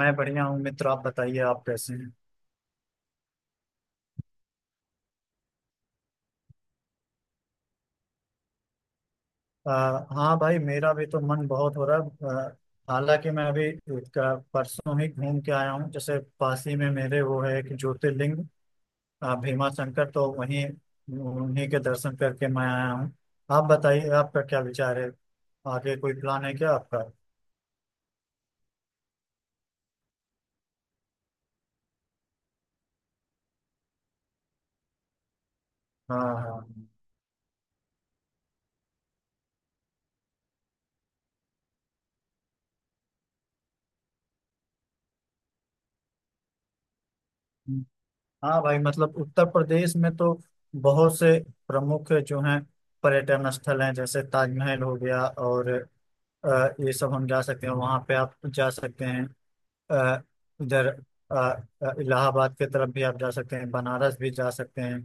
मैं बढ़िया हूँ मित्र। आप बताइए, आप कैसे हैं? अ, हाँ भाई, मेरा भी तो मन बहुत हो रहा है। हालांकि मैं अभी परसों ही घूम के आया हूँ। जैसे पास ही में मेरे वो है कि ज्योतिर्लिंग भीमा शंकर, तो वहीं उन्हीं के दर्शन करके मैं आया हूँ। आप बताइए, आपका क्या विचार है? आगे कोई प्लान है क्या आपका? हाँ हाँ। हम्म। हाँ भाई, मतलब उत्तर प्रदेश में तो बहुत से प्रमुख जो हैं पर्यटन स्थल हैं, जैसे ताजमहल हो गया और अ, ये सब हम जा सकते हैं, वहाँ पे आप जा सकते हैं। अ, इधर अ, इलाहाबाद के तरफ भी आप जा सकते हैं, बनारस भी जा सकते हैं।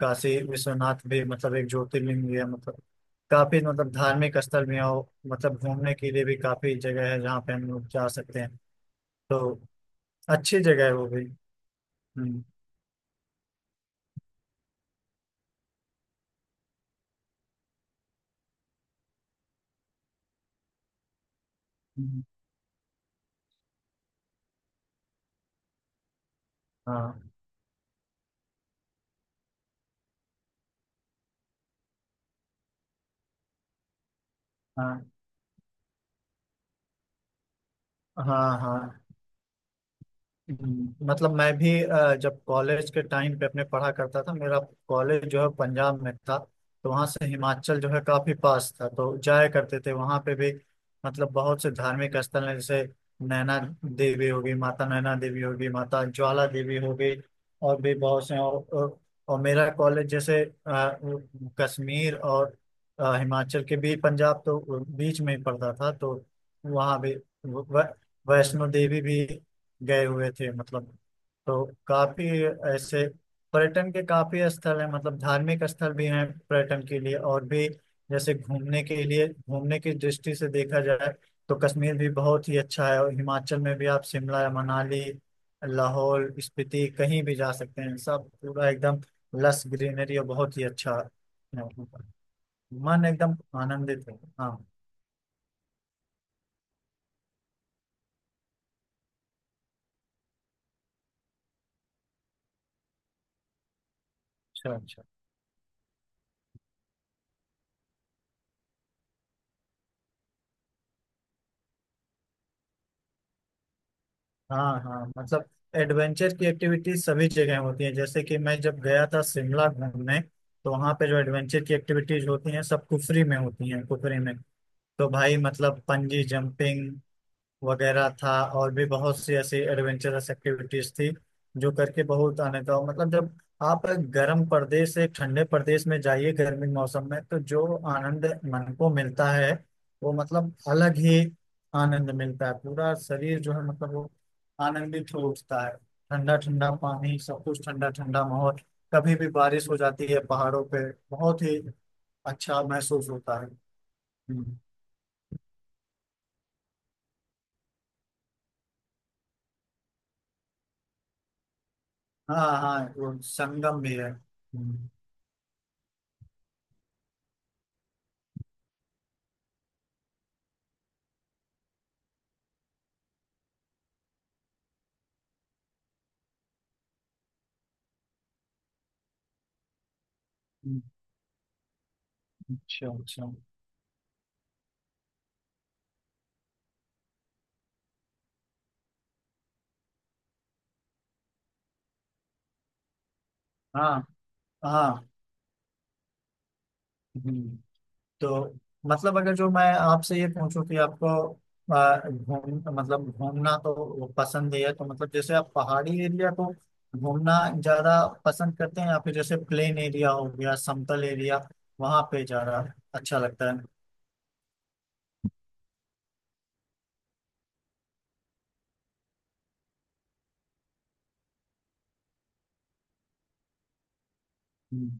काशी विश्वनाथ भी मतलब एक ज्योतिर्लिंग भी है, मतलब काफी मतलब धार्मिक स्थल भी है, और मतलब घूमने के लिए भी काफी जगह है जहाँ पे हम लोग जा सकते हैं। तो अच्छी जगह है वो भी। हम्म। हम्म। हाँ हाँ। हाँ हाँ। मतलब मैं भी जब कॉलेज के टाइम पे अपने पढ़ा करता था, मेरा कॉलेज जो है पंजाब में था। तो वहाँ से हिमाचल जो है काफी पास था, तो जाया करते थे वहाँ पे भी। मतलब बहुत से धार्मिक स्थल हैं, जैसे नैना देवी होगी, माता नैना देवी होगी, माता ज्वाला देवी होगी, और भी बहुत से। और और मेरा कॉलेज, जैसे कश्मीर और हिमाचल के बीच पंजाब, तो बीच में ही पड़ता था। तो वहाँ भी वै- वैष्णो देवी भी गए हुए थे मतलब। तो काफी ऐसे पर्यटन के काफी स्थल हैं, मतलब धार्मिक स्थल भी हैं, पर्यटन के लिए और भी, जैसे घूमने के लिए, घूमने की दृष्टि से देखा जाए, तो कश्मीर भी बहुत ही अच्छा है, और हिमाचल में भी आप शिमला, मनाली, लाहौल स्पीति कहीं भी जा सकते हैं। सब पूरा एकदम लस ग्रीनरी और बहुत ही अच्छा है। मन एकदम आनंदित है। हाँ। अच्छा अच्छा। हाँ हाँ, मतलब एडवेंचर की एक्टिविटीज सभी जगह होती है, जैसे कि मैं जब गया था शिमला घूमने, तो वहाँ पे जो एडवेंचर की एक्टिविटीज होती हैं सब कुफरी में होती हैं, कुफरी में। तो भाई मतलब पंजी जंपिंग वगैरह था, और भी बहुत सी ऐसी एडवेंचरस एक्टिविटीज थी, जो करके बहुत आनंद था। मतलब जब आप गर्म प्रदेश से ठंडे प्रदेश में जाइए गर्मी के मौसम में, तो जो आनंद मन को मिलता है, वो मतलब अलग ही आनंद मिलता है। पूरा शरीर जो है मतलब वो आनंदित हो उठता है। ठंडा ठंडा पानी, सब कुछ ठंडा ठंडा माहौल। कभी भी बारिश हो जाती है पहाड़ों पे, बहुत ही अच्छा महसूस होता है। हम्म। हाँ हाँ, वो संगम भी है। हम्म। अच्छा अच्छा। हाँ हाँ। हम्म, तो मतलब अगर जो मैं आपसे ये पूछूं कि आपको घूम मतलब घूमना तो वो पसंद है, तो मतलब जैसे आप पहाड़ी एरिया को घूमना ज्यादा पसंद करते हैं, या फिर जैसे प्लेन एरिया हो गया, समतल एरिया, वहां पे ज्यादा अच्छा लगता है? हम्म।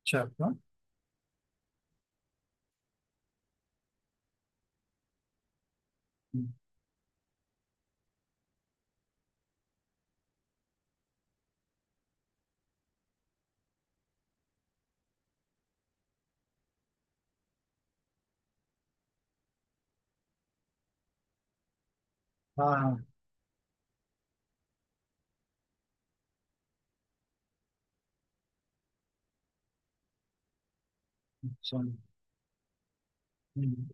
अच्छा। हाँ। हम्म। हाँ हाँ। अच्छा। हम्म,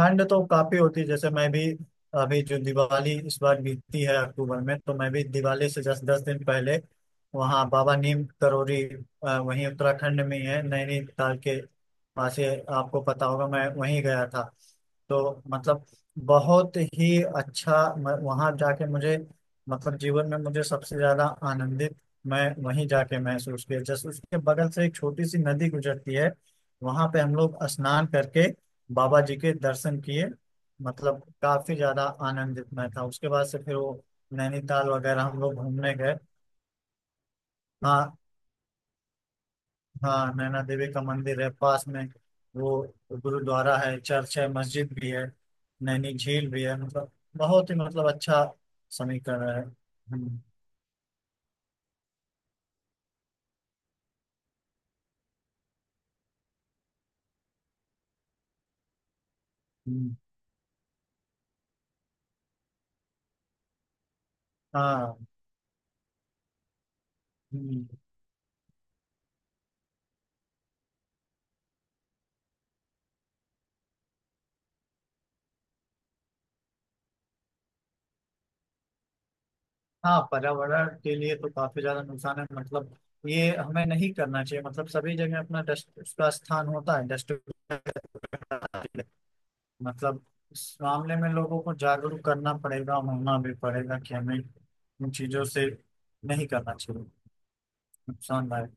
ठंड तो काफी होती है। जैसे मैं भी अभी जो दिवाली इस बार बीतती है अक्टूबर में, तो मैं भी दिवाली से जस्ट 10 दिन पहले वहाँ बाबा नीम करोरी वहीं उत्तराखंड में ही है, नैनीताल के पास ही है, आपको पता होगा, मैं वहीं गया था। तो मतलब बहुत ही अच्छा वहाँ जाके मुझे मतलब जीवन में मुझे सबसे ज्यादा आनंदित मैं वहीं जाके महसूस किया। जस्ट उसके बगल से एक छोटी सी नदी गुजरती है, वहां पे हम लोग स्नान करके बाबा जी के दर्शन किए। मतलब काफी ज्यादा आनंदित मैं था। उसके बाद से फिर वो नैनीताल वगैरह हम लोग घूमने गए। हाँ हाँ, नैना देवी का मंदिर है पास में। वो गुरुद्वारा है, चर्च है, मस्जिद भी है, नैनी झील भी है। मतलब बहुत ही मतलब अच्छा समीकरण है। हम्म। हाँ। हम्म, हाँ, पर्यावरण के लिए तो काफी ज्यादा नुकसान है, मतलब ये हमें नहीं करना चाहिए। मतलब सभी जगह अपना डस्ट, उसका स्थान होता है डस्ट, मतलब इस मामले में लोगों को जागरूक करना पड़ेगा, होना भी पड़ेगा, कि हमें इन चीजों से नहीं करना चाहिए, नुकसानदायक।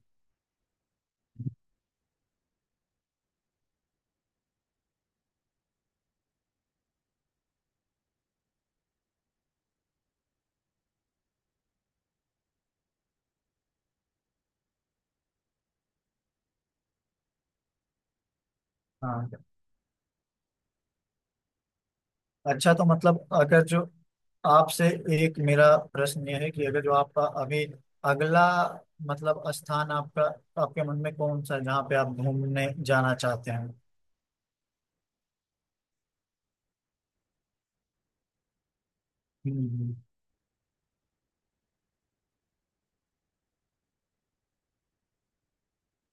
हाँ। अच्छा, तो मतलब अगर जो आपसे एक मेरा प्रश्न यह है, कि अगर जो आपका अभी अगला मतलब स्थान आपका, आपके मन में कौन सा है जहाँ पे आप घूमने जाना चाहते हैं? हम्म हम्म,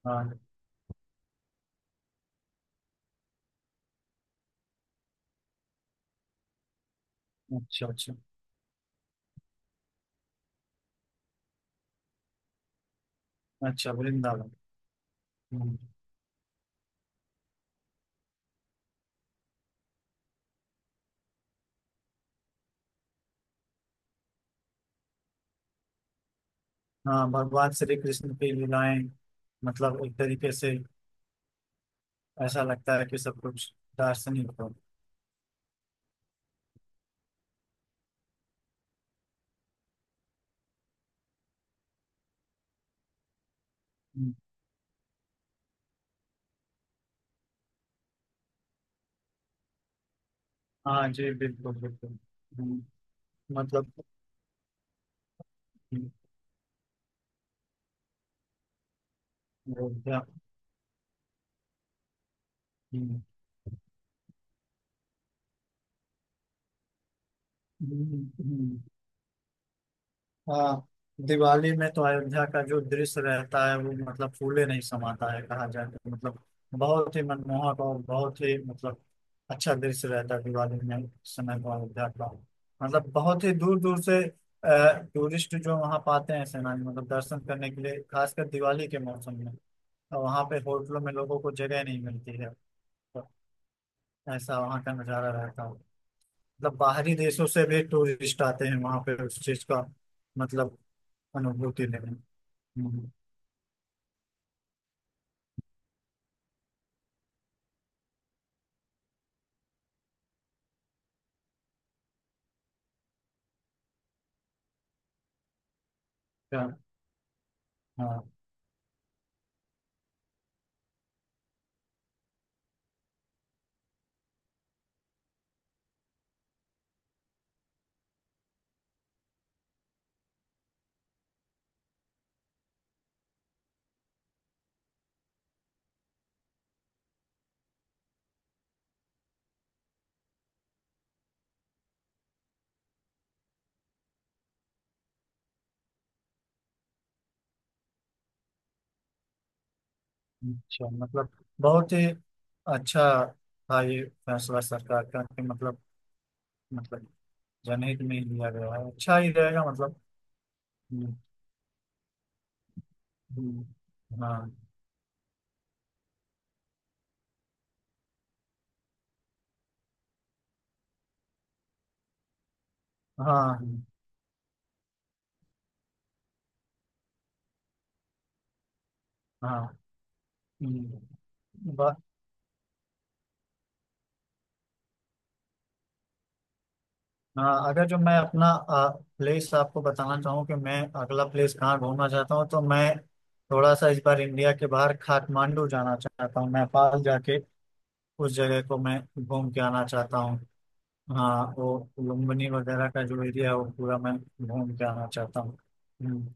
हाँ। अच्छा अच्छा। अच्छा, वृंदावन। हम्म, हाँ, भगवान श्री कृष्ण की लीलाएं, मतलब एक तरीके से ऐसा लगता है कि सब कुछ दार्शनिक हो। हम्म, हाँ जी, बिल्कुल बिल्कुल। हम्म, मतलब हम्म। अयोध्या। हम्म, हम्म, हम्म, हाँ, दिवाली में तो अयोध्या का जो दृश्य रहता है, वो मतलब फूले नहीं समाता है कहा जाए तो, मतलब बहुत ही मनमोहक और बहुत ही मतलब अच्छा दृश्य रहता है दिवाली में उस समय को अयोध्या का। मतलब बहुत ही दूर दूर से टूरिस्ट जो वहाँ पाते हैं सेनानी, मतलब दर्शन करने के लिए, खासकर दिवाली के मौसम में। तो वहाँ पे होटलों में लोगों को जगह नहीं मिलती है, तो ऐसा वहाँ का नज़ारा रहता है। मतलब बाहरी देशों से भी टूरिस्ट आते हैं वहाँ पे उस चीज़ का मतलब अनुभूति लेने। हम्म। क्या- हाँ, अच्छा, मतलब बहुत ही अच्छा था ये फैसला सरकार का, कि मतलब मतलब जनहित में ही लिया गया है, अच्छा ही रहेगा मतलब। हम्म, हम्म, हाँ हाँ। हाँ। हम्म, बा- हाँ, अगर जो मैं अपना प्लेस आपको बताना चाहूँ कि मैं अगला प्लेस कहाँ घूमना चाहता हूँ, तो मैं थोड़ा सा इस बार इंडिया के बाहर काठमांडू जाना चाहता हूँ, नेपाल जाके उस जगह को मैं घूम के आना चाहता हूँ। हाँ, वो लुम्बिनी वगैरह का जो एरिया है वो पूरा मैं घूम के आना चाहता हूँ। हम्म,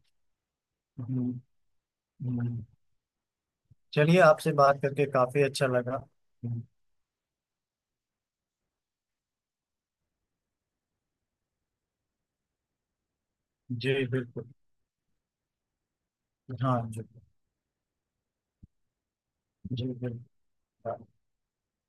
हम्म, हम्म। चलिए, आपसे बात करके काफी अच्छा लगा। हम्म, जी बिल्कुल। हाँ जी। जी बिल्कुल।